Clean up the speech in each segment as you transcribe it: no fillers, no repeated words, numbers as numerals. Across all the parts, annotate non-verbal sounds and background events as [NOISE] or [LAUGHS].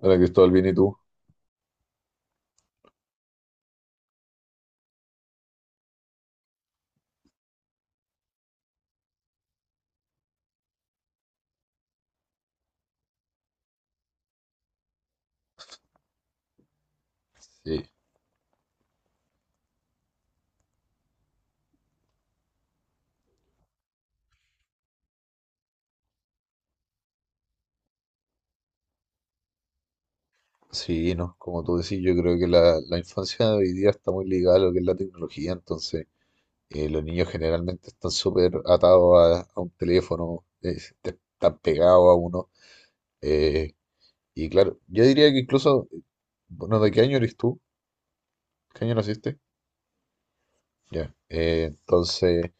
Hola Cristóbal, bien, ¿y tú? Sí, sí, no, como tú decís, yo creo que la infancia de hoy día está muy ligada a lo que es la tecnología. Entonces, los niños generalmente están súper atados a un teléfono. Están pegados a uno. eh, y claro, yo diría que incluso, bueno, ¿de qué año eres tú? ¿Qué año naciste? Ya. Entonces,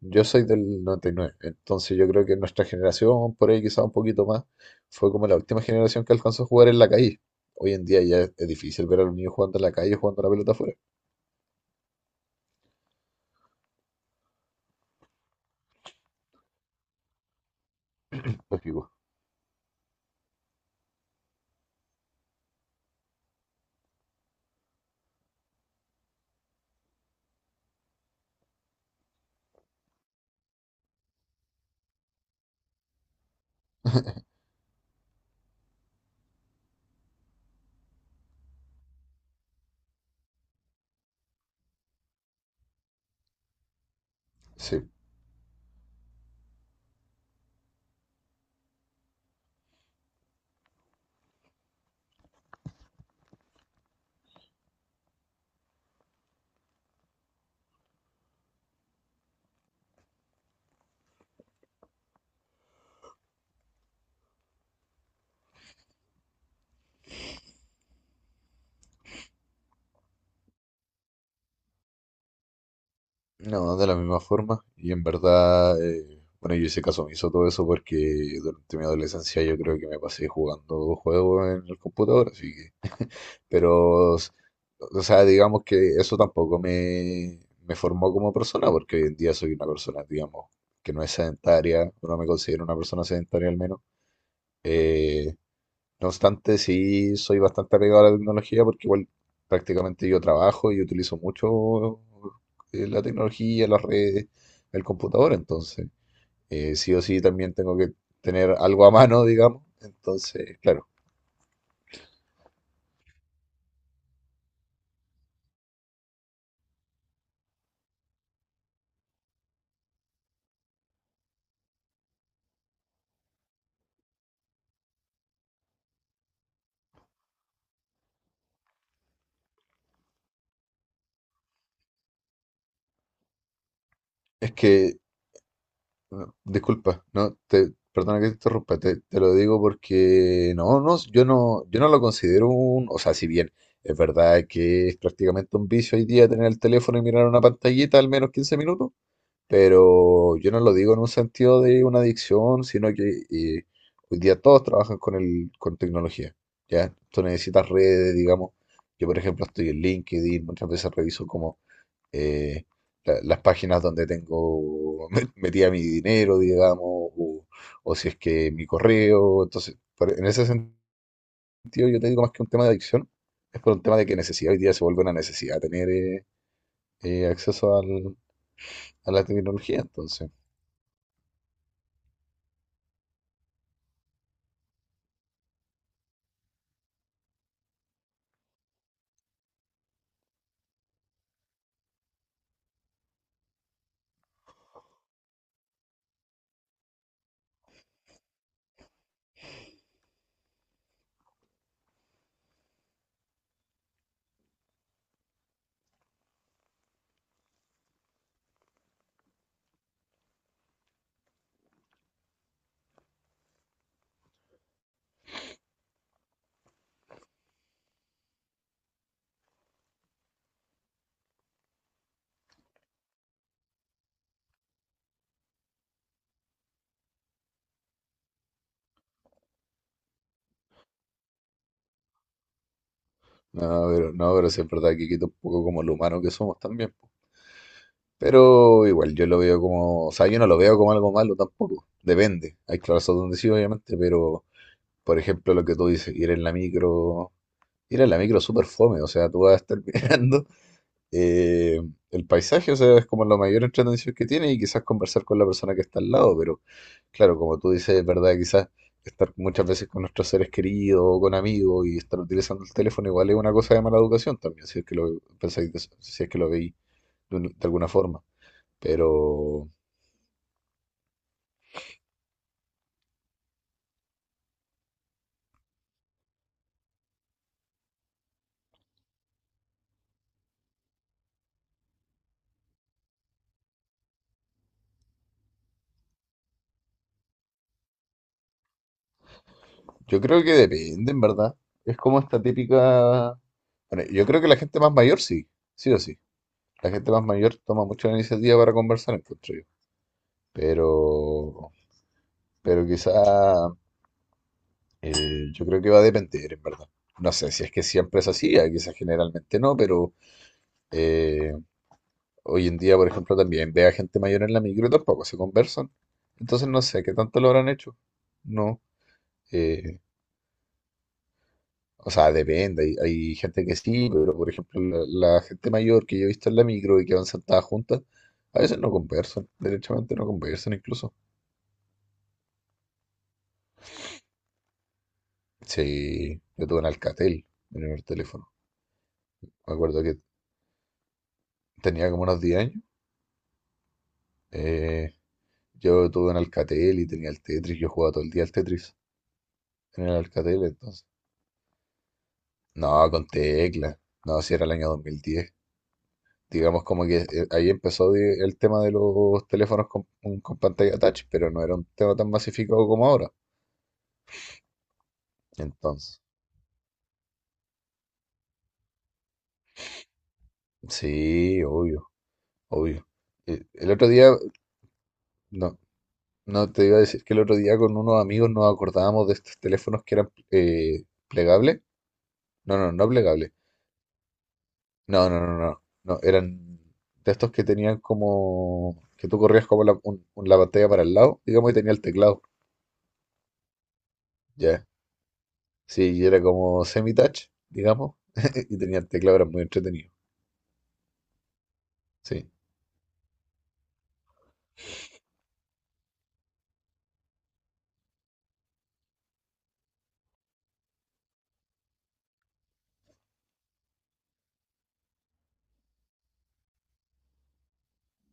yo soy del noventa y nueve. Entonces yo creo que nuestra generación, por ahí quizá un poquito más, fue como la última generación que alcanzó a jugar en la calle. Hoy en día ya es difícil ver a los niños jugando en la calle, jugando a la pelota afuera. Lógico. Sí, no, de la misma forma. Y en verdad, bueno, yo hice caso hizo todo eso, porque durante mi adolescencia yo creo que me pasé jugando juegos en el computador, así que... Pero, s- o sea, digamos que eso tampoco me formó como persona, porque hoy en día soy una persona, digamos, que no es sedentaria, o no me considero una persona sedentaria al menos. Eh, no obstante, sí soy bastante apegado a la tecnología, porque igual prácticamente yo trabajo y utilizo mucho la tecnología, las redes, el computador. Entonces, sí o sí también tengo que tener algo a mano, [LAUGHS] digamos. Entonces, claro. Es que No, disculpa, no, perdona que te interrumpa. Te lo digo porque no, no, yo no lo considero un. O sea, si bien es verdad que es prácticamente un vicio hoy día tener el teléfono y mirar una pantallita al menos 15 minutos, pero yo no lo digo en un sentido de una adicción, sino que eh, hoy día todos trabajan con con tecnología. ¿Ya? Tú necesitas redes, digamos. Yo, por ejemplo, estoy en LinkedIn, muchas veces reviso como eh, las páginas donde tengo [LAUGHS] metida mi dinero, digamos, o si es que mi correo. Entonces, en ese sentido, yo te digo más que un tema de adicción, es por un tema de que necesidad. Hoy día se vuelve una necesidad tener acceso a la tecnología. Entonces, no, pero, no, pero sí es verdad que quita un poco como lo humano que somos también, po. Pero igual yo lo veo como, o sea, yo no lo veo como algo malo tampoco. Depende. Hay clases donde sí, obviamente, pero por ejemplo, lo que tú dices, ir en la micro... Ir a la micro es súper fome. O sea, tú vas a estar [LAUGHS] mirando eh, el paisaje. O sea, es como la mayor entretención que tiene, y quizás conversar con la persona que está al lado. Pero claro, como tú dices, es verdad, quizás estar muchas veces con nuestros seres queridos o con amigos y estar utilizando el teléfono igual es una cosa de mala educación también, si es que lo pensáis, si es que lo veis de alguna forma. Pero yo creo que depende, en verdad. Es como esta típica... Bueno, yo creo que la gente más mayor sí, sí o sí. La gente más mayor toma mucho la iniciativa para conversar, encuentro yo. Pero, pero quizá eh, yo creo que va a depender, en verdad. No sé si es que siempre es así. Quizás generalmente no, pero eh, hoy en día, por ejemplo, también ve a gente mayor en la micro y tampoco se conversan. Entonces no sé qué tanto lo habrán hecho. No. eh, o sea, depende. Hay gente que sí, pero por ejemplo, la gente mayor que yo he visto en la micro y que van sentadas juntas, a veces no conversan, derechamente no conversan incluso. Sí, yo tuve un Alcatel, mi primer teléfono. Me acuerdo que tenía como unos 10 años. eh, yo tuve un Alcatel y tenía el Tetris. Yo jugaba todo el día al Tetris en el Alcatel. Entonces, no, con tecla. No, si era el año 2010. Digamos como que ahí empezó el tema de los teléfonos con pantalla touch, pero no era un tema tan masificado como ahora. Entonces, sí, obvio, obvio. El otro día, no, No, te iba a decir que el otro día con unos amigos nos acordábamos de estos teléfonos que eran plegables. No, no, no plegables. No, no, no, no. No, eran de estos que tenían como... que tú corrías como la pantalla para el lado, digamos, y tenía el teclado. Ya. Sí, y era como semi-touch, digamos, [LAUGHS] y tenía el teclado. Era muy entretenido. Sí,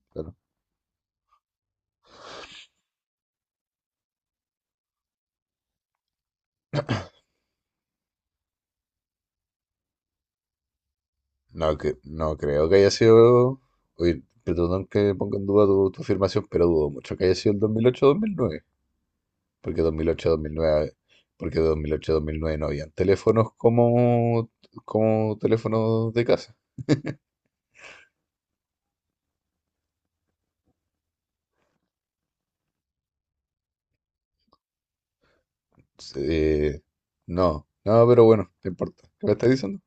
claro. No, no creo que haya sido... Oye, perdón que ponga en duda tu afirmación, pero dudo mucho que haya sido el 2008-2009. Porque 2008-2009, porque 2008-2009 no habían teléfonos como, como teléfonos de casa. Eh, no, no, pero bueno, no importa. ¿Qué me estás diciendo?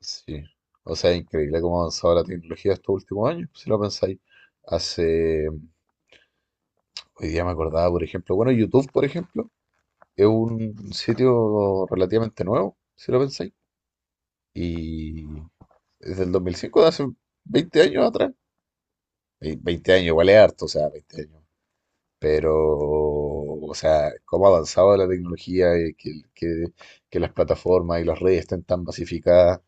Sí. O sea, es increíble cómo ha avanzado la tecnología estos últimos años, si lo pensáis. Hoy día me acordaba, por ejemplo, bueno, YouTube, por ejemplo, es un sitio relativamente nuevo, si lo pensáis. Y es del 2005, de hace 20 años atrás. 20 años, igual es harto, o sea, 20 años. Pero, o sea, cómo ha avanzado la tecnología, que las plataformas y las redes estén tan masificadas,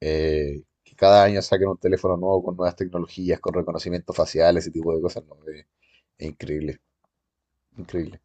que cada año saquen un teléfono nuevo con nuevas tecnologías, con reconocimiento facial, ese tipo de cosas, ¿no? Increíble, increíble.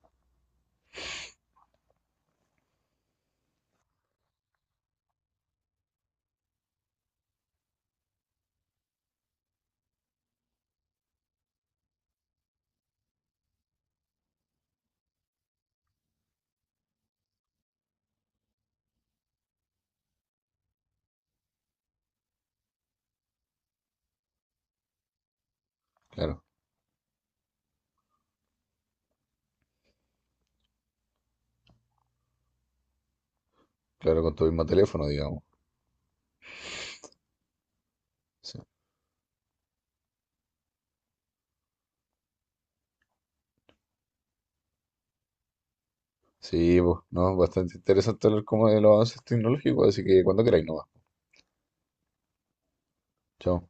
Claro, claro, con tu mismo teléfono, digamos. Sí, sí, pues, no, bastante interesante hablar como de los avances tecnológicos, así que cuando queráis, no va. Chao.